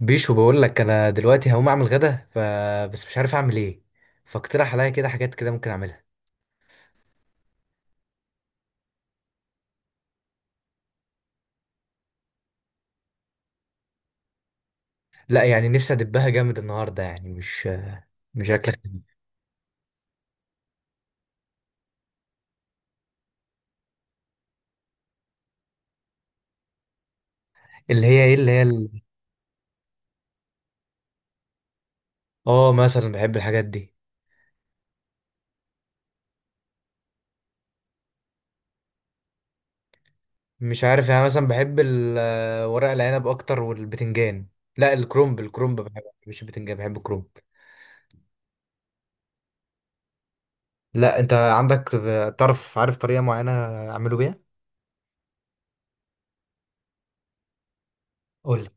بيشو بقول لك انا دلوقتي هقوم اعمل غدا بس مش عارف اعمل ايه. فاقترح عليا كده حاجات كده ممكن اعملها. لا، يعني نفسي ادبها جامد النهارده، يعني مش اكل خفيف. اللي هي ايه اللي هي ال... اه، مثلا بحب الحاجات دي. مش عارف، يعني مثلا بحب ورق العنب اكتر والبتنجان. لا، الكرنب، الكرنب بحبه، مش البتنجان. بحب الكرنب. لا، انت عندك تعرف عارف طريقه معينه اعمله بيها. قول لي.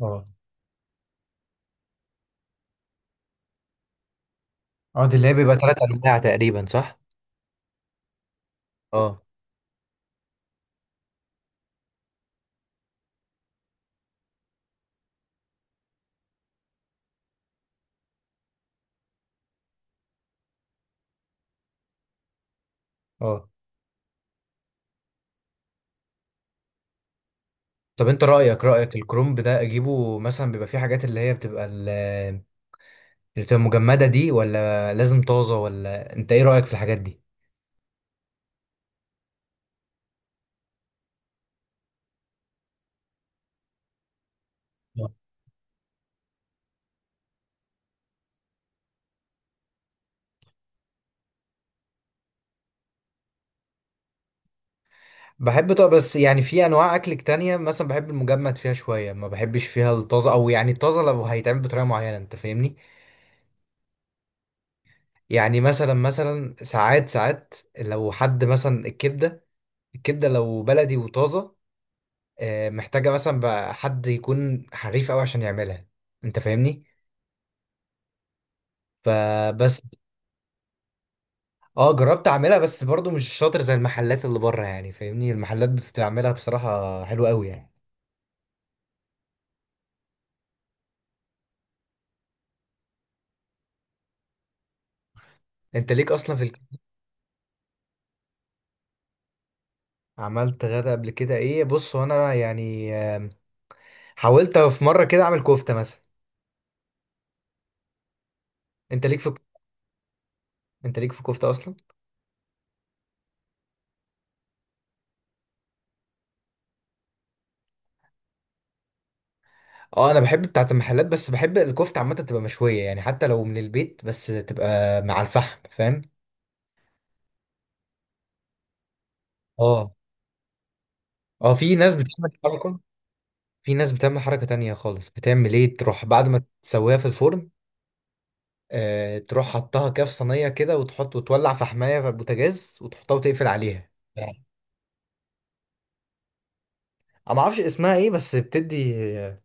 اه. اه، دي اللي هي بيبقى ثلاث انواع تقريبا، صح. اه. اه طب انت رأيك، الكرومب ده اجيبه مثلا بيبقى فيه حاجات اللي هي اللي بتبقى مجمدة دي، ولا لازم طازة؟ ولا انت ايه رأيك في الحاجات دي؟ بحب. طب بس يعني في انواع اكل تانية مثلا بحب المجمد فيها شوية، ما بحبش فيها الطازة. او يعني الطازة لو هيتعمل بطريقة معينة، انت فاهمني. يعني مثلا مثلا ساعات ساعات لو حد مثلا الكبدة، الكبدة لو بلدي وطازة، محتاجة مثلا بقى حد يكون حريف قوي عشان يعملها. انت فاهمني. فبس. اه جربت اعملها، بس برضو مش شاطر زي المحلات اللي بره. يعني فاهمني، المحلات بتعملها بصراحة حلوة قوي يعني. انت ليك اصلا عملت غدا قبل كده ايه؟ بص، وانا يعني حاولت في مرة كده اعمل كفتة مثلا. انت ليك في انت ليك في كفتة اصلا. اه انا بحب بتاعة المحلات، بس بحب الكفتة عامة تبقى مشوية، يعني حتى لو من البيت بس تبقى مع الفحم، فاهم. اه. اه، في ناس بتعمل حركة. في ناس بتعمل حركة تانية خالص، بتعمل ايه؟ تروح بعد ما تسويها في الفرن، تروح حطها كده في صينيه كده، وتحط وتولع في حمايه في البوتاجاز وتحطها وتقفل عليها يعني. انا ما اعرفش اسمها ايه، بس بتدي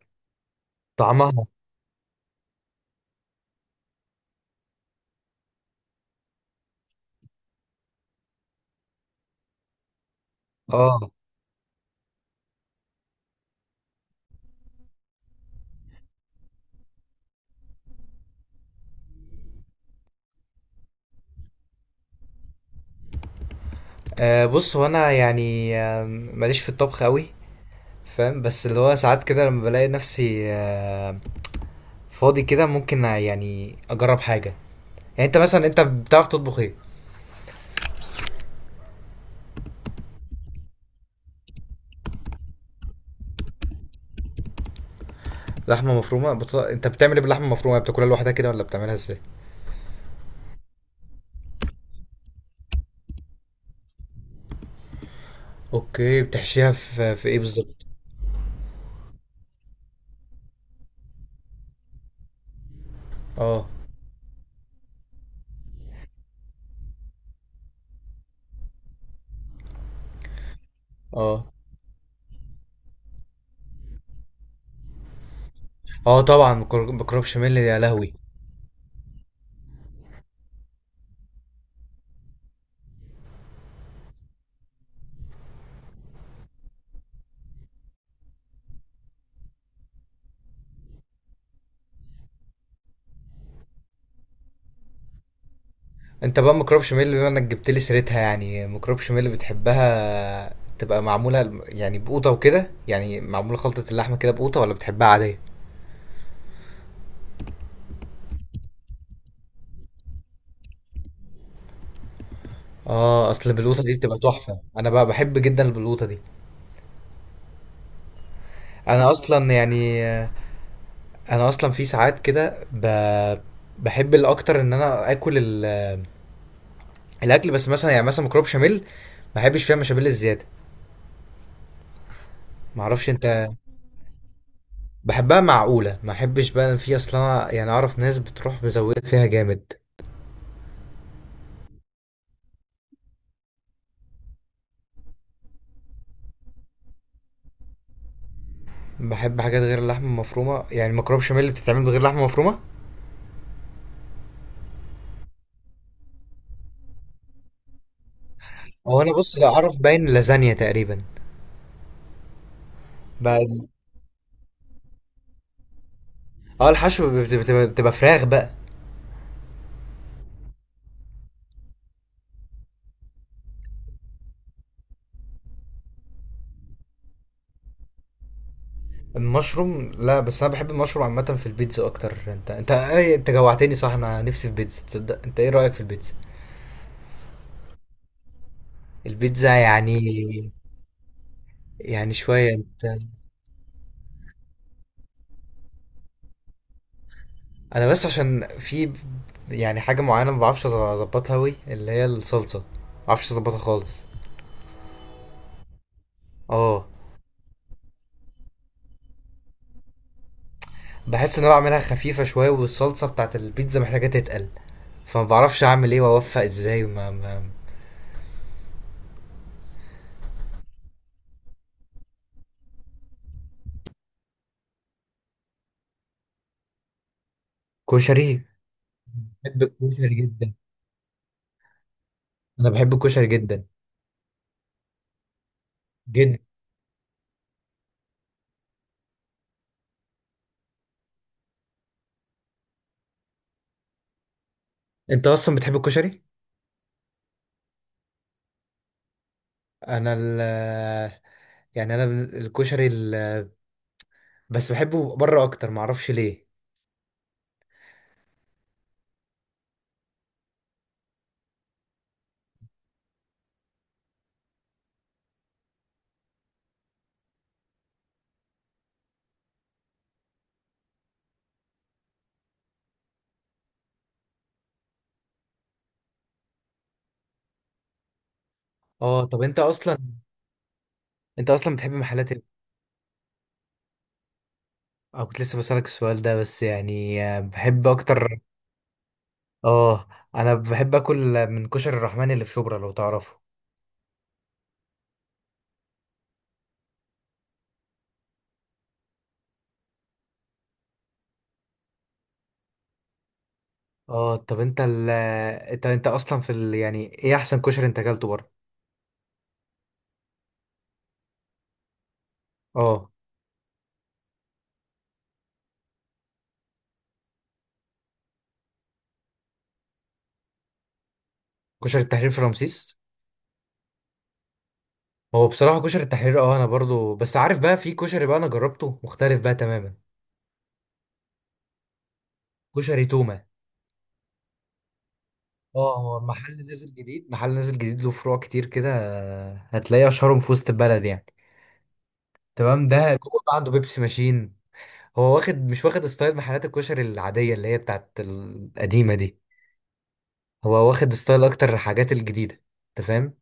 طعمها. اه. بص، هو انا يعني ماليش في الطبخ قوي، فاهم. بس اللي هو ساعات كده لما بلاقي نفسي فاضي كده، ممكن يعني اجرب حاجه. يعني انت مثلا، انت بتعرف تطبخ ايه؟ انت بتعمل ايه باللحمه المفرومه؟ بتاكلها لوحدها كده ولا بتعملها ازاي؟ اوكي، بتحشيها في ايه بالظبط؟ اه. اه. اه طبعا، ميكروب شميل، يا لهوي. انت بقى ميكروب شميل بما انك جبت لي سيرتها، يعني ميكروب شميل بتحبها تبقى معموله يعني بقوطه وكده؟ يعني معموله خلطه اللحمه كده بقوطه، ولا بتحبها عاديه؟ اه، اصل بالقوطه دي بتبقى تحفه. انا بقى بحب جدا البلوطه دي. انا اصلا يعني، انا اصلا في ساعات كده بحب الاكتر ان انا اكل الاكل، بس مثلا يعني مثلا ميكروب شميل ما بحبش فيها مشابيل الزياده. معرفش انت. بحبها معقولة، ما احبش بقى إن في اصلا يعني اعرف ناس بتروح مزودة فيها جامد. بحب حاجات غير اللحمة المفرومة، يعني مكرونة بشاميل اللي بتتعمل بغير لحمة مفرومة. او انا بص لا اعرف، باين لازانيا تقريبا. بقى- اه الحشو بتبقى فراخ بقى. المشروم لا، بس انا بحب المشروم عامة في البيتزا اكتر. انت ايه، انت جوعتني صح. انا نفسي في بيتزا، تصدق؟ انت ايه رأيك في البيتزا؟ البيتزا يعني؟ يعني شوية انت. انا بس عشان في يعني حاجه معينه ما بعرفش اظبطها قوي، اللي هي الصلصه ما بعرفش اظبطها خالص. اه. بحس ان انا بعملها خفيفه شويه، والصلصه بتاعت البيتزا محتاجه تتقل، فما بعرفش اعمل ايه واوفق ازاي ما, ما... كشري. بحب الكشري جدا. انا بحب الكشري جدا. جدا. انت اصلا بتحب الكشري؟ انا ال يعني انا بس بحبه بره اكتر، ما اعرفش ليه. اه طب انت اصلا، انت اصلا بتحب محلات إيه؟ اه، كنت لسه بسألك السؤال ده. بس يعني بحب اكتر. اه. انا بحب اكل من كشري الرحمن اللي في شبرا لو تعرفه. اه طب انت اصلا في يعني ايه احسن كشري انت اكلته بره؟ اه. كشري التحرير في رمسيس؟ هو بصراحة كشري التحرير اه انا برضو. بس عارف بقى في كشري بقى انا جربته مختلف بقى تماما. كشري تومة. اه هو محل نازل جديد، له فروع كتير كده. هتلاقي اشهرهم في وسط البلد يعني. تمام، ده جوه بقى عنده بيبسي ماشين. هو واخد، مش واخد ستايل محلات الكشري العادية اللي هي بتاعت القديمة دي. هو واخد ستايل أكتر الحاجات الجديدة. أنت فاهم؟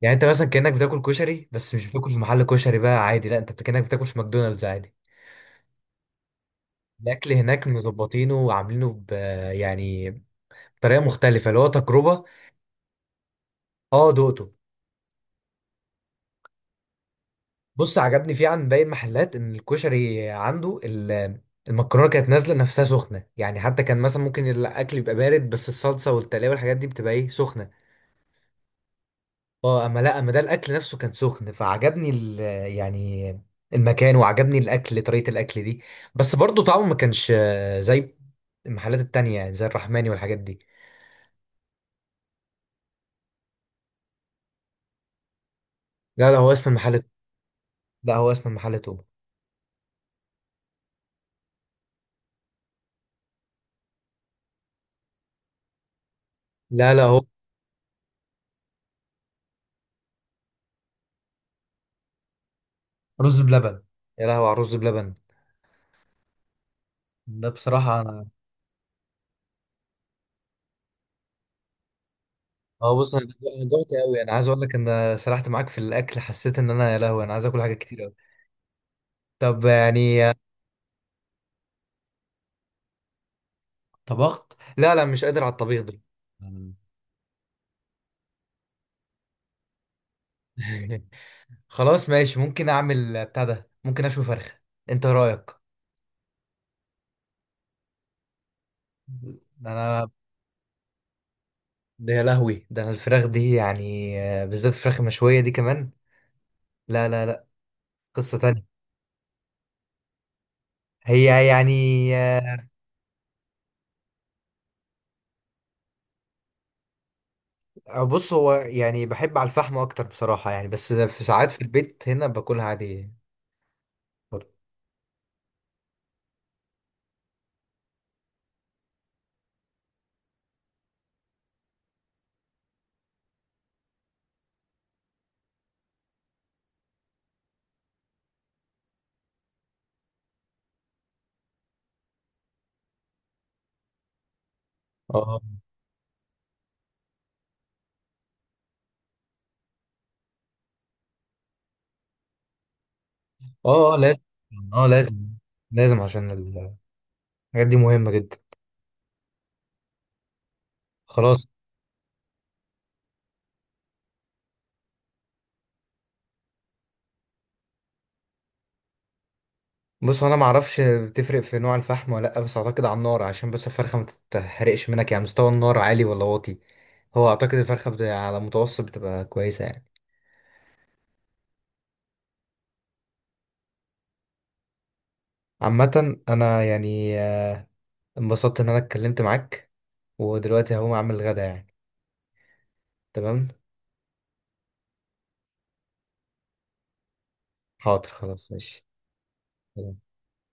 يعني أنت مثلا كأنك بتاكل كشري بس مش بتاكل في محل كشري بقى عادي، لا أنت كأنك بتاكل في ماكدونالدز عادي. الأكل هناك مظبطينه وعاملينه ب، يعني بطريقة مختلفة، اللي هو تجربة. أه دقته. بص، عجبني فيه عن باقي المحلات إن الكشري عنده المكرونة كانت نازلة نفسها سخنة. يعني حتى كان مثلا ممكن الأكل يبقى بارد بس الصلصة والتلاوة والحاجات دي بتبقى إيه، سخنة. اه اما لا، اما ده الاكل نفسه كان سخن. فعجبني ال، يعني المكان، وعجبني الاكل، طريقة الاكل دي. بس برضو طعمه ما كانش زي المحلات التانية، يعني زي الرحماني والحاجات دي. لا لا، هو اسم المحل. لا هو اسم المحل توب. لا لا هو. رز بلبن. يا لهوي على الرز بلبن. ده بصراحة أنا. اه بص، أنا جوعت أوي. أنا عايز أقول لك أنا سرحت معاك في الأكل. حسيت إن أنا يا لهوي أنا عايز آكل حاجات كتير أوي. طب يعني طبخت؟ لا لا، مش قادر على الطبيخ ده. مم. خلاص ماشي، ممكن اعمل بتاع ده، ممكن اشوي فرخه. انت رايك؟ ده انا، ده يا لهوي، ده انا الفراخ دي يعني بالذات الفراخ المشويه دي كمان. لا لا لا، قصه تانية. هي يعني بص هو يعني بحب على الفحم اكتر بصراحه يعني. بس في ساعات في البيت هنا باكلها عادي برضه. اه. اه لازم. اه لازم. لازم عشان الحاجات دي مهمه جدا. خلاص. بص، هو انا ما اعرفش بتفرق في نوع الفحم ولا لا. بس اعتقد على النار عشان بس الفرخه ما تتحرقش منك. يعني مستوى النار عالي ولا واطي؟ هو اعتقد الفرخه على متوسط بتبقى كويسه يعني. عامه انا يعني انبسطت ان انا اتكلمت معاك. ودلوقتي هقوم اعمل الغدا يعني. تمام. حاضر، خلاص ماشي.